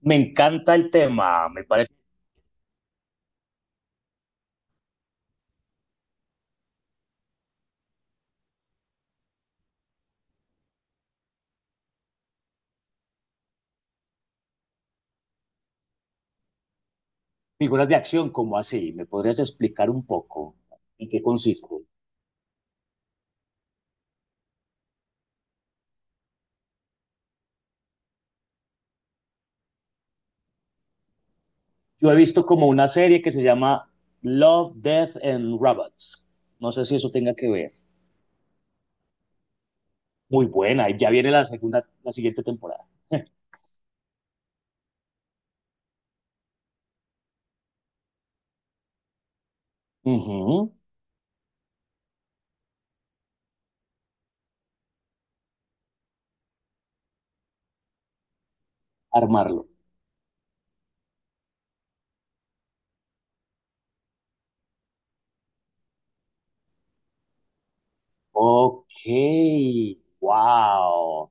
Me encanta el tema, me parece. ¿Figuras de acción, como así? ¿Me podrías explicar un poco en qué consiste? Yo he visto como una serie que se llama Love, Death and Robots. No sé si eso tenga que ver. Muy buena, y ya viene la segunda, la siguiente temporada. Ujú. Armarlo. Ok, wow.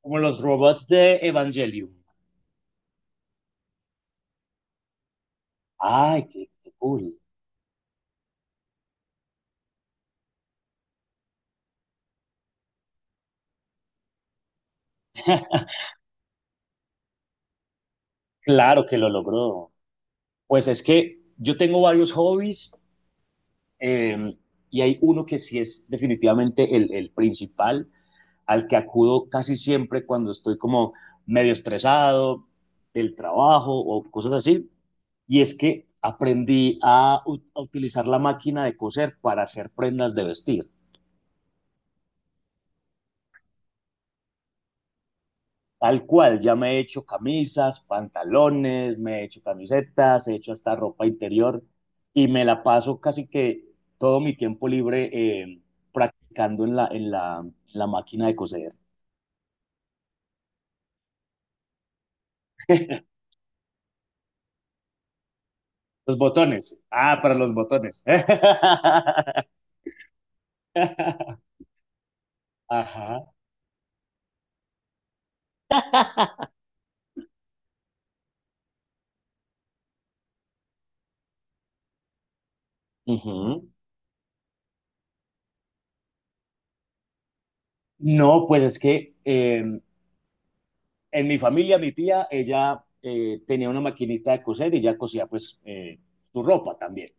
Como los robots de Evangelium. Ay, qué, qué cool. Claro que lo logró. Pues es que yo tengo varios hobbies. Eh, y hay uno que sí es definitivamente el principal, al que acudo casi siempre cuando estoy como medio estresado del trabajo o cosas así. Y es que aprendí a, a utilizar la máquina de coser para hacer prendas de vestir. Tal cual, ya me he hecho camisas, pantalones, me he hecho camisetas, he hecho hasta ropa interior y me la paso casi que todo mi tiempo libre practicando en la máquina de coser. Los botones. Ah, para los botones. Ajá. Ujú. No, pues es que en mi familia, mi tía, ella tenía una maquinita de coser y ella cosía pues su ropa también.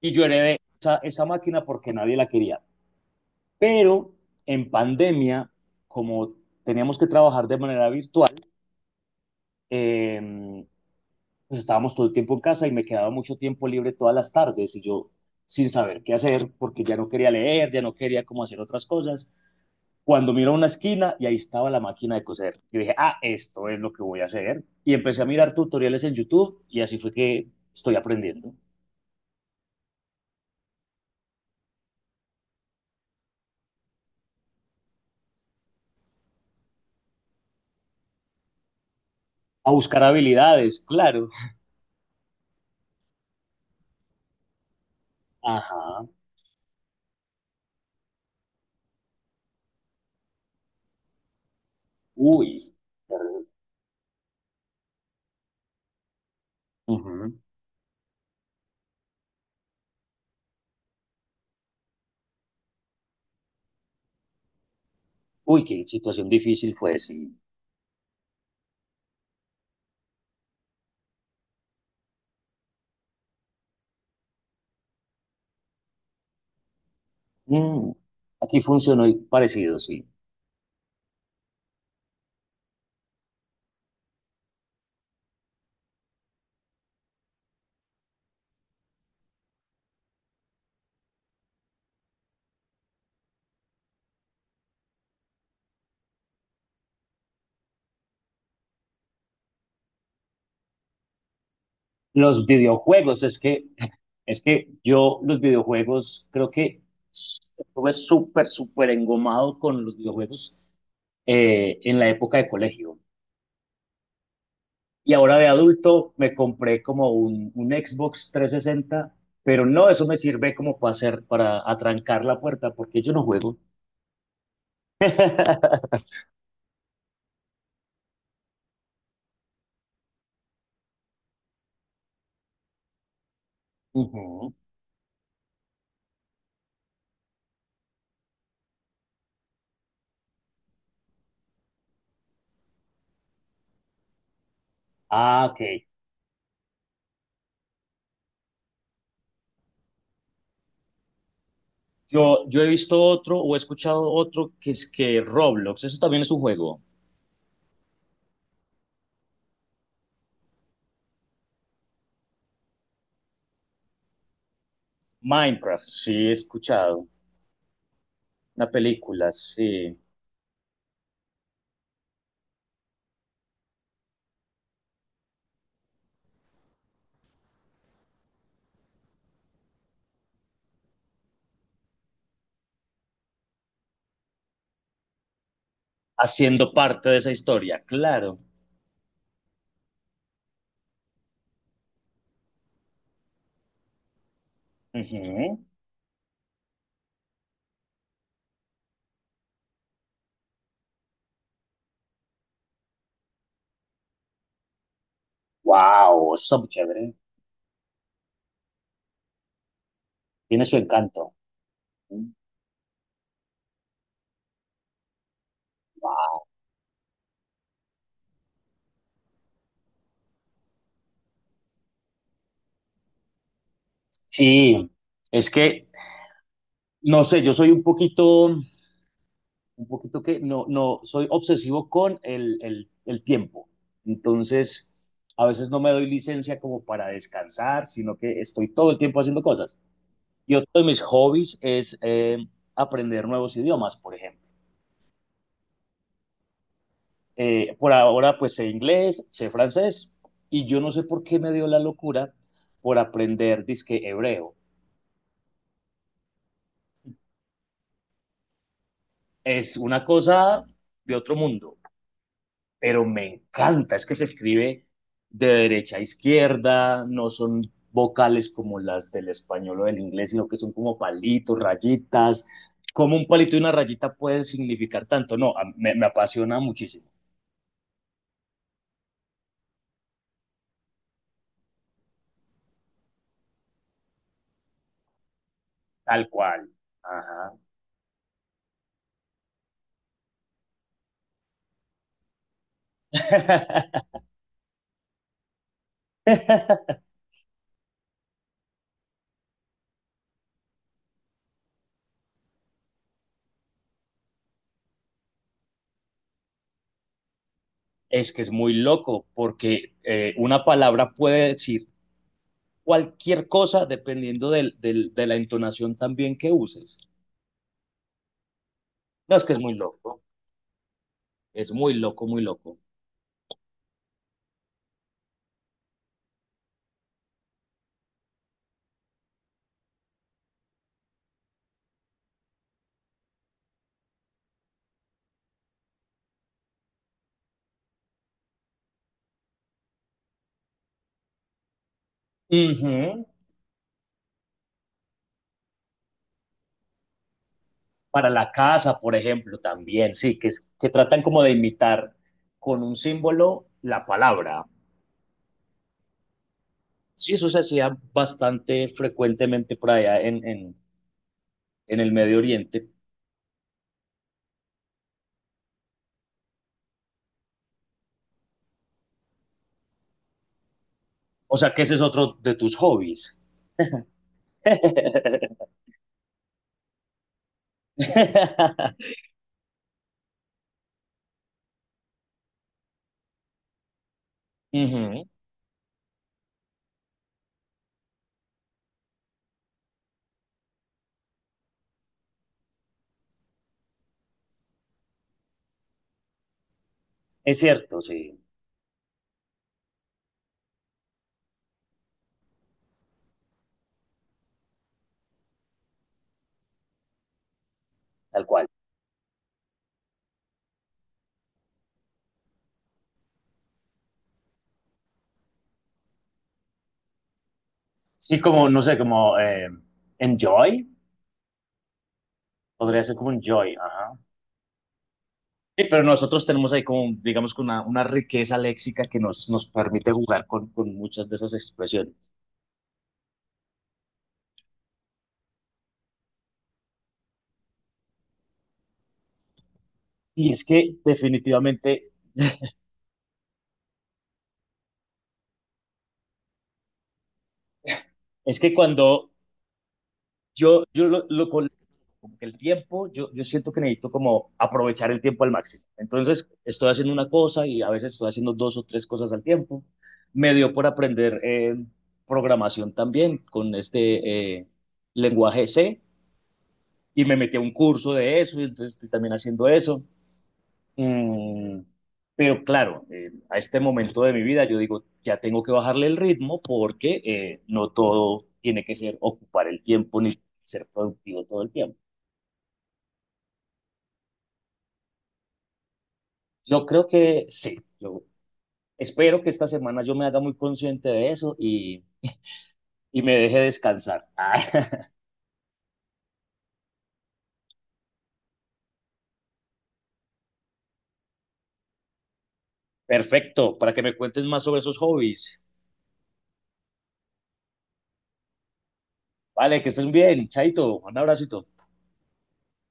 Y yo heredé esa máquina porque nadie la quería. Pero en pandemia, como teníamos que trabajar de manera virtual, eh, pues estábamos todo el tiempo en casa y me quedaba mucho tiempo libre todas las tardes y yo sin saber qué hacer porque ya no quería leer, ya no quería cómo hacer otras cosas. Cuando miro a una esquina y ahí estaba la máquina de coser, yo dije, ah, esto es lo que voy a hacer. Y empecé a mirar tutoriales en YouTube y así fue que estoy aprendiendo. A buscar habilidades, claro. Ajá. Uy. Ujú. Uy, qué situación difícil fue, sí. Mm, aquí funcionó y parecido, sí. Los videojuegos, es que yo los videojuegos creo que estuve súper, súper engomado con los videojuegos en la época de colegio. Y ahora de adulto me compré como un Xbox 360, pero no, eso me sirve como para hacer, para atrancar la puerta, porque yo no juego. Ujú. Ah, ok. Yo he visto otro o he escuchado otro que es que Roblox, eso también es un juego. Minecraft, sí he escuchado. Una película, sí. Haciendo parte de esa historia, claro. Ujú. Wow, eso está muy chévere. Tiene su encanto. Guau. Sí, es que, no sé, yo soy un poquito que, no, no, soy obsesivo con el tiempo. Entonces, a veces no me doy licencia como para descansar, sino que estoy todo el tiempo haciendo cosas. Y otro de mis hobbies es aprender nuevos idiomas, por ejemplo. Por ahora, pues sé inglés, sé francés, y yo no sé por qué me dio la locura por aprender disque hebreo. Es una cosa de otro mundo, pero me encanta, es que se escribe de derecha a izquierda, no son vocales como las del español o del inglés, sino que son como palitos, rayitas. Como un palito y una rayita pueden significar tanto? No, me apasiona muchísimo, tal cual. Ajá. Es que es muy loco porque una palabra puede decir cualquier cosa dependiendo de la entonación también que uses. No, es que es muy loco, muy loco. Ujú. Para la casa, por ejemplo, también, sí, que, que tratan como de imitar con un símbolo la palabra. Sí, eso se hacía bastante frecuentemente por allá en el Medio Oriente. O sea que ese es otro de tus hobbies. Ujú. Es cierto, sí, tal cual. Sí, como, no sé, como enjoy, podría ser como enjoy, ajá. Sí, pero nosotros tenemos ahí como, digamos, que una riqueza léxica que nos permite jugar con muchas de esas expresiones. Y es que definitivamente, es que cuando yo lo con como que el tiempo, yo siento que necesito como aprovechar el tiempo al máximo. Entonces, estoy haciendo una cosa y a veces estoy haciendo dos o tres cosas al tiempo. Me dio por aprender programación también con este lenguaje C, y me metí a un curso de eso y entonces estoy también haciendo eso. Mm, pero claro, a este momento de mi vida yo digo, ya tengo que bajarle el ritmo porque no todo tiene que ser ocupar el tiempo ni ser productivo todo el tiempo. Yo creo que sí, yo espero que esta semana yo me haga muy consciente de eso y me deje descansar. Ah, perfecto, para que me cuentes más sobre esos hobbies. Vale, que estés bien, Chaito, un abracito.